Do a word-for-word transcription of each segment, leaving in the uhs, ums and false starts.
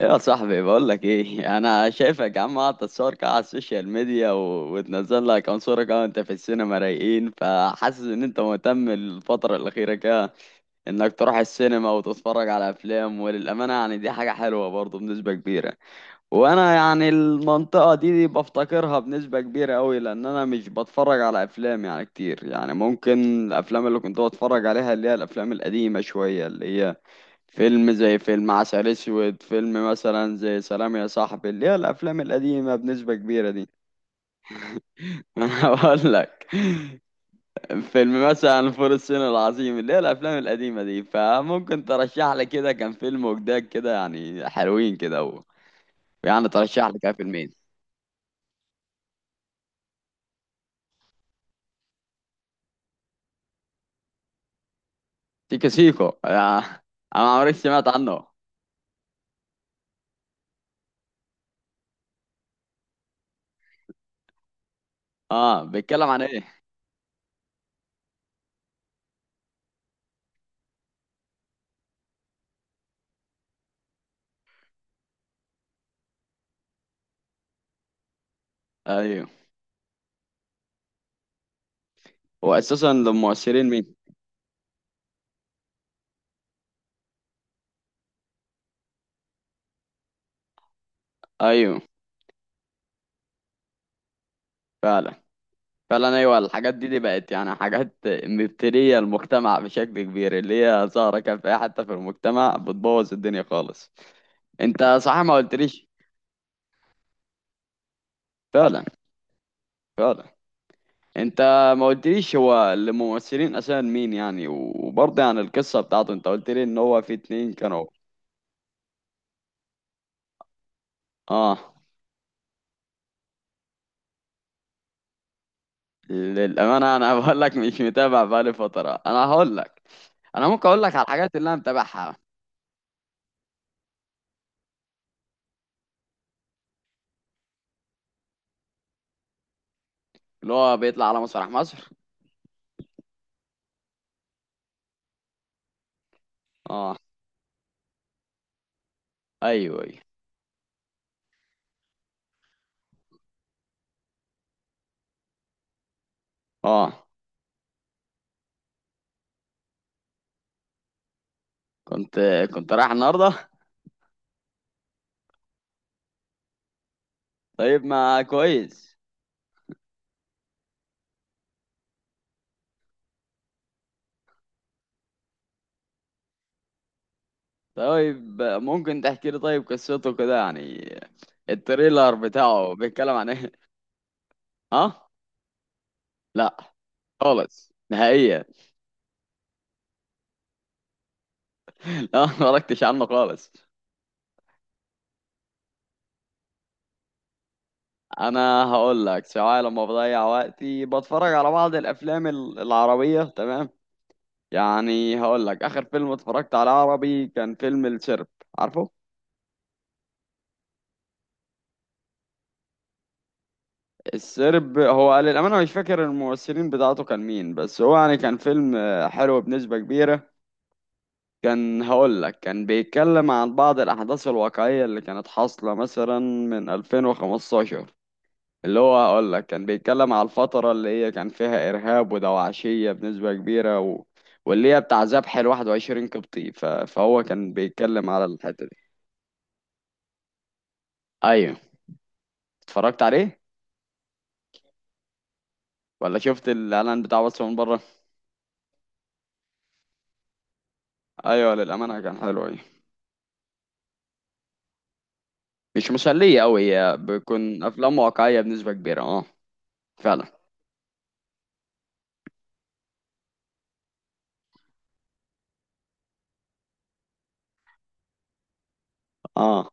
ايه يا صاحبي، بقول لك ايه. انا شايفك يا عم قاعد تتصور كده على السوشيال ميديا و... وتنزل لك كام صوره كده وانت في السينما رايقين. فحاسس ان انت مهتم الفتره الاخيره كده انك تروح السينما وتتفرج على افلام، وللامانه يعني دي حاجه حلوه برضه بنسبه كبيره. وانا يعني المنطقه دي, دي بفتقرها بنسبه كبيره قوي، لان انا مش بتفرج على افلام يعني كتير. يعني ممكن الافلام اللي كنت بتفرج عليها اللي هي الافلام القديمه شويه، اللي هي فيلم زي فيلم عسل اسود، فيلم مثلا زي سلام يا صاحبي، اللي هي الافلام القديمه بنسبه كبيره دي. انا هقول لك، فيلم مثلا فول الصين العظيم، اللي هي الافلام القديمه دي. فممكن ترشح لي كده، كان فيلم وجداد كده يعني حلوين كده و... يعني ترشح لي كده فيلمين. سيكو سيكو، آه. انا ما عمري سمعت عنه. اه، بيتكلم عن ايه؟ ايوه، واساسا للمؤثرين مين؟ ايوه، فعلا. فعلا ايوه، الحاجات دي, دي بقت يعني حاجات مبتليه المجتمع بشكل كبير، اللي هي ظاهره كان في أي حته في المجتمع بتبوظ الدنيا خالص. انت صح، ما قلتليش. فعلا، فعلا. انت ما قلتليش هو الممثلين اساسا مين يعني، وبرضه يعني القصه بتاعته، انت قلت لي ان هو في اتنين كانوا. اه، للامانه انا بقول لك مش متابع بقالي فتره. انا هقول لك، انا ممكن اقول لك على الحاجات اللي انا متابعها. اللي هو بيطلع على مسرح مصر؟ اه، ايوه ايوه. اه، كنت كنت رايح النهارده؟ طيب، ما كويس. طيب ممكن تحكي لي طيب قصته كده يعني؟ التريلر بتاعه بيتكلم عن ايه؟ اه. لا، خالص نهائيا. لا، ما اتفرجتش عنه خالص. انا هقول لك، سواء لما بضيع وقتي بتفرج على بعض الافلام ال- العربيه، تمام. يعني هقول لك اخر فيلم اتفرجت على عربي كان فيلم الشرب. عارفه؟ السرب، هو للأمانة مش فاكر الممثلين بتاعته كان مين، بس هو يعني كان فيلم آه، حلو بنسبة كبيرة. كان هقول لك كان بيتكلم عن بعض الأحداث الواقعية اللي كانت حاصلة مثلا من ألفين وخمسة عشر. اللي هو هقول لك كان بيتكلم على الفترة اللي هي كان فيها إرهاب ودواعشية بنسبة كبيرة و... واللي هي بتاع ذبح ال واحد وعشرين قبطي، ف... فهو كان بيتكلم على الحتة دي. أيوه، اتفرجت عليه ولا شفت الإعلان بتاعه بس من بره؟ أيوه، للأمانة كان حلو. مش مسلية أوي، هي بتكون أفلام واقعية بنسبة كبيرة. اه فعلا، اه.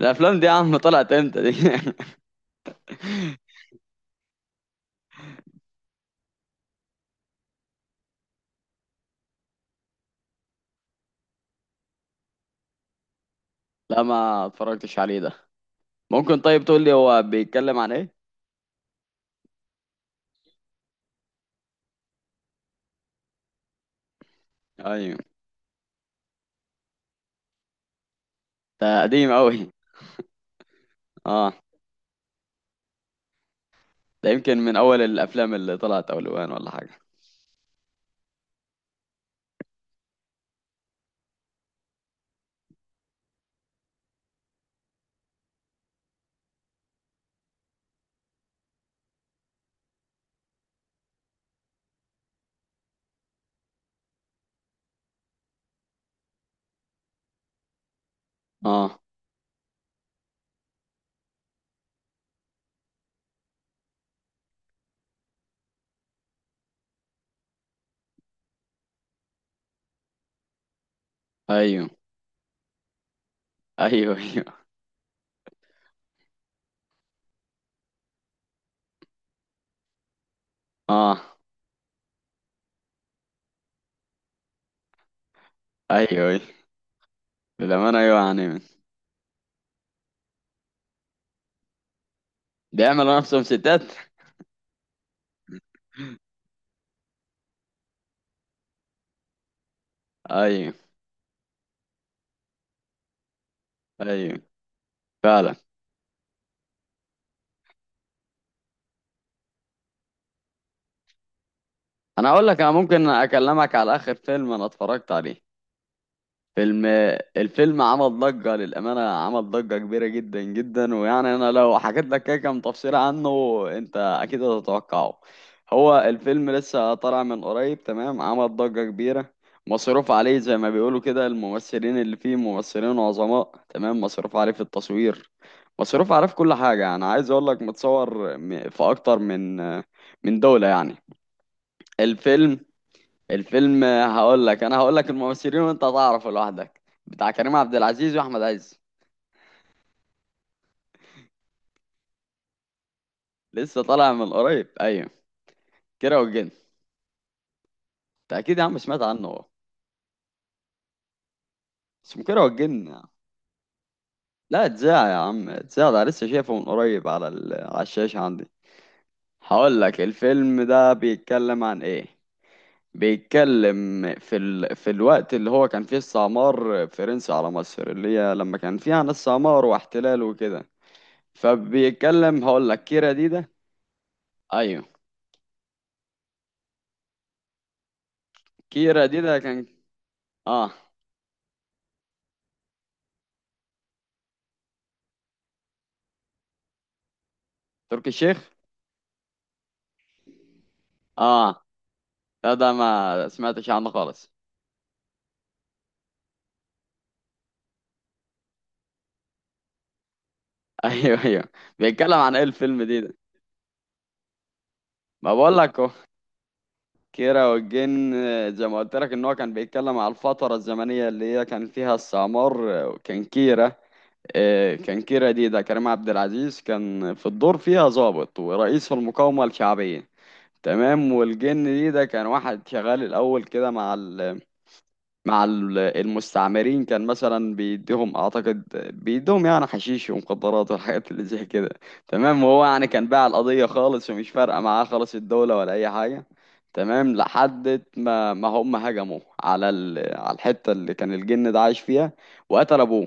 الأفلام دي يا عم طلعت امتى دي؟ لا، ما اتفرجتش عليه ده. ممكن طيب تقول لي هو بيتكلم عن ايه؟ ايوه. ده قديم أوي؟ اه. ده يمكن من أول الأفلام اللي طلعت أولوان ولا حاجة؟ اه، ايوه ايوه. ايوه اه، ايوه ايوه. للأمانة ايوه يعني. بيعملوا نفسهم ستات؟ ايوه ايوه، فعلا. انا اقول لك، انا ممكن اكلمك على اخر فيلم انا اتفرجت عليه. فيلم. الفيلم عمل ضجة، للأمانة عمل ضجة كبيرة جدا جدا. ويعني أنا لو حكيت لك كده كام تفصيلة عنه أنت أكيد هتتوقعه. هو الفيلم لسه طالع من قريب تمام، عمل ضجة كبيرة. مصروف عليه زي ما بيقولوا كده، الممثلين اللي فيه ممثلين عظماء تمام، مصروف عليه في التصوير، مصروف عليه في كل حاجة. يعني عايز أقول لك متصور م- في أكتر من من دولة يعني. الفيلم. الفيلم هقول لك، انا هقول لك الممثلين وانت هتعرف لوحدك. بتاع كريم عبد العزيز واحمد عز. لسه طالع من قريب، ايوه. كيرة والجن. انت اكيد يا عم سمعت عنه. اسمه كيرة والجن. لا اتذاع يا عم، اتذاع. ده لسه شايفه من قريب على ال... على الشاشة عندي. هقول لك الفيلم ده بيتكلم عن ايه. بيتكلم في ال... في الوقت اللي هو كان فيه استعمار فرنسي على مصر، اللي هي لما كان فيها ناس استعمار واحتلال وكده. فبيتكلم هقول لك، كيرة دي ده. ايوه. كيرا دي ده كان. اه. تركي الشيخ. اه، لا ده ما سمعتش عنه خالص. ايوه ايوه، بيتكلم عن ايه الفيلم دي ده؟ ما بقول لك اهو. كيرة والجن آه، زي ما قلت لك ان هو كان بيتكلم على الفترة الزمنية اللي هي كان فيها السعمار آه، وكان كيرة آه، كان كيرة دي ده كريم عبد العزيز، كان في الدور فيها ضابط ورئيس المقاومة الشعبية، تمام. والجن دي ده كان واحد شغال الاول كده مع ال مع ال- المستعمرين. كان مثلا بيديهم اعتقد، بيديهم يعني حشيش ومخدرات والحاجات اللي زي كده، تمام. وهو يعني كان باع القضية خالص، ومش فارقة معاه خالص الدولة ولا اي حاجة. تمام، لحد ما ما هم هجموا على ال... على الحتة اللي كان الجن ده عايش فيها، وقتل ابوه.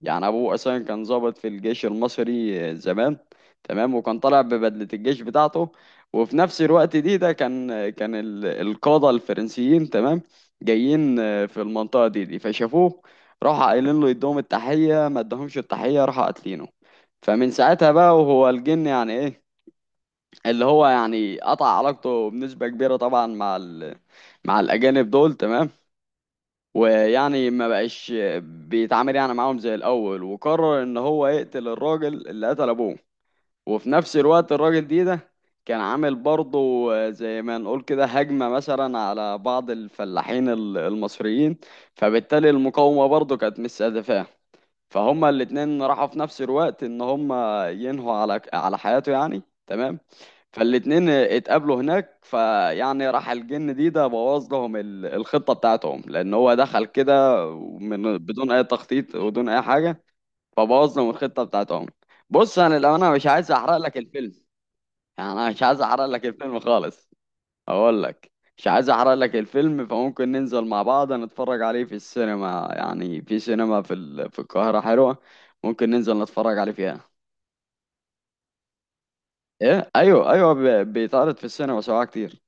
يعني ابوه اصلا كان ضابط في الجيش المصري زمان، تمام. وكان طالع ببدلة الجيش بتاعته. وفي نفس الوقت دي ده كان كان ال- القادة الفرنسيين تمام جايين آه، في المنطقة دي دي فشافوه. راحوا قايلين له يدوهم التحية، ما ادهمش التحية، راحوا قاتلينه. فمن ساعتها بقى وهو الجن، يعني ايه، اللي هو يعني قطع علاقته بنسبة كبيرة طبعا مع ال... مع الأجانب دول، تمام. ويعني ما بقاش بيتعامل يعني معاهم زي الأول، وقرر إن هو يقتل الراجل اللي قتل أبوه. وفي نفس الوقت الراجل دي ده كان عامل برضه آه، زي ما نقول كده هجمة مثلا على بعض الفلاحين ال- المصريين. فبالتالي المقاومة برضه كانت مستهدفاه. فهما الاتنين راحوا في نفس الوقت ان هما ينهوا على على حياته يعني، تمام. فالاتنين اتقابلوا هناك، فيعني راح الجن دي ده بوظ لهم ال- الخطة بتاعتهم، لان هو دخل كده من بدون اي تخطيط ودون اي حاجة. فبوظنا من الخطه بتاعتهم. بص، انا للامانه مش عايز احرق لك الفيلم، يعني انا مش عايز احرق لك الفيلم خالص. اقول لك، مش عايز احرق لك الفيلم. فممكن ننزل مع بعض نتفرج عليه في السينما، يعني في سينما في ال... في القاهره حلوه، ممكن ننزل نتفرج عليه فيها. ايه، ايوه ايوه، ب... بيتعرض في السينما سواء كتير.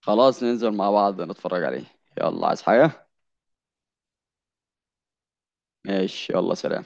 خلاص، ننزل مع بعض نتفرج عليه. يلا، عايز حاجه؟ ماشي، يلا سلام.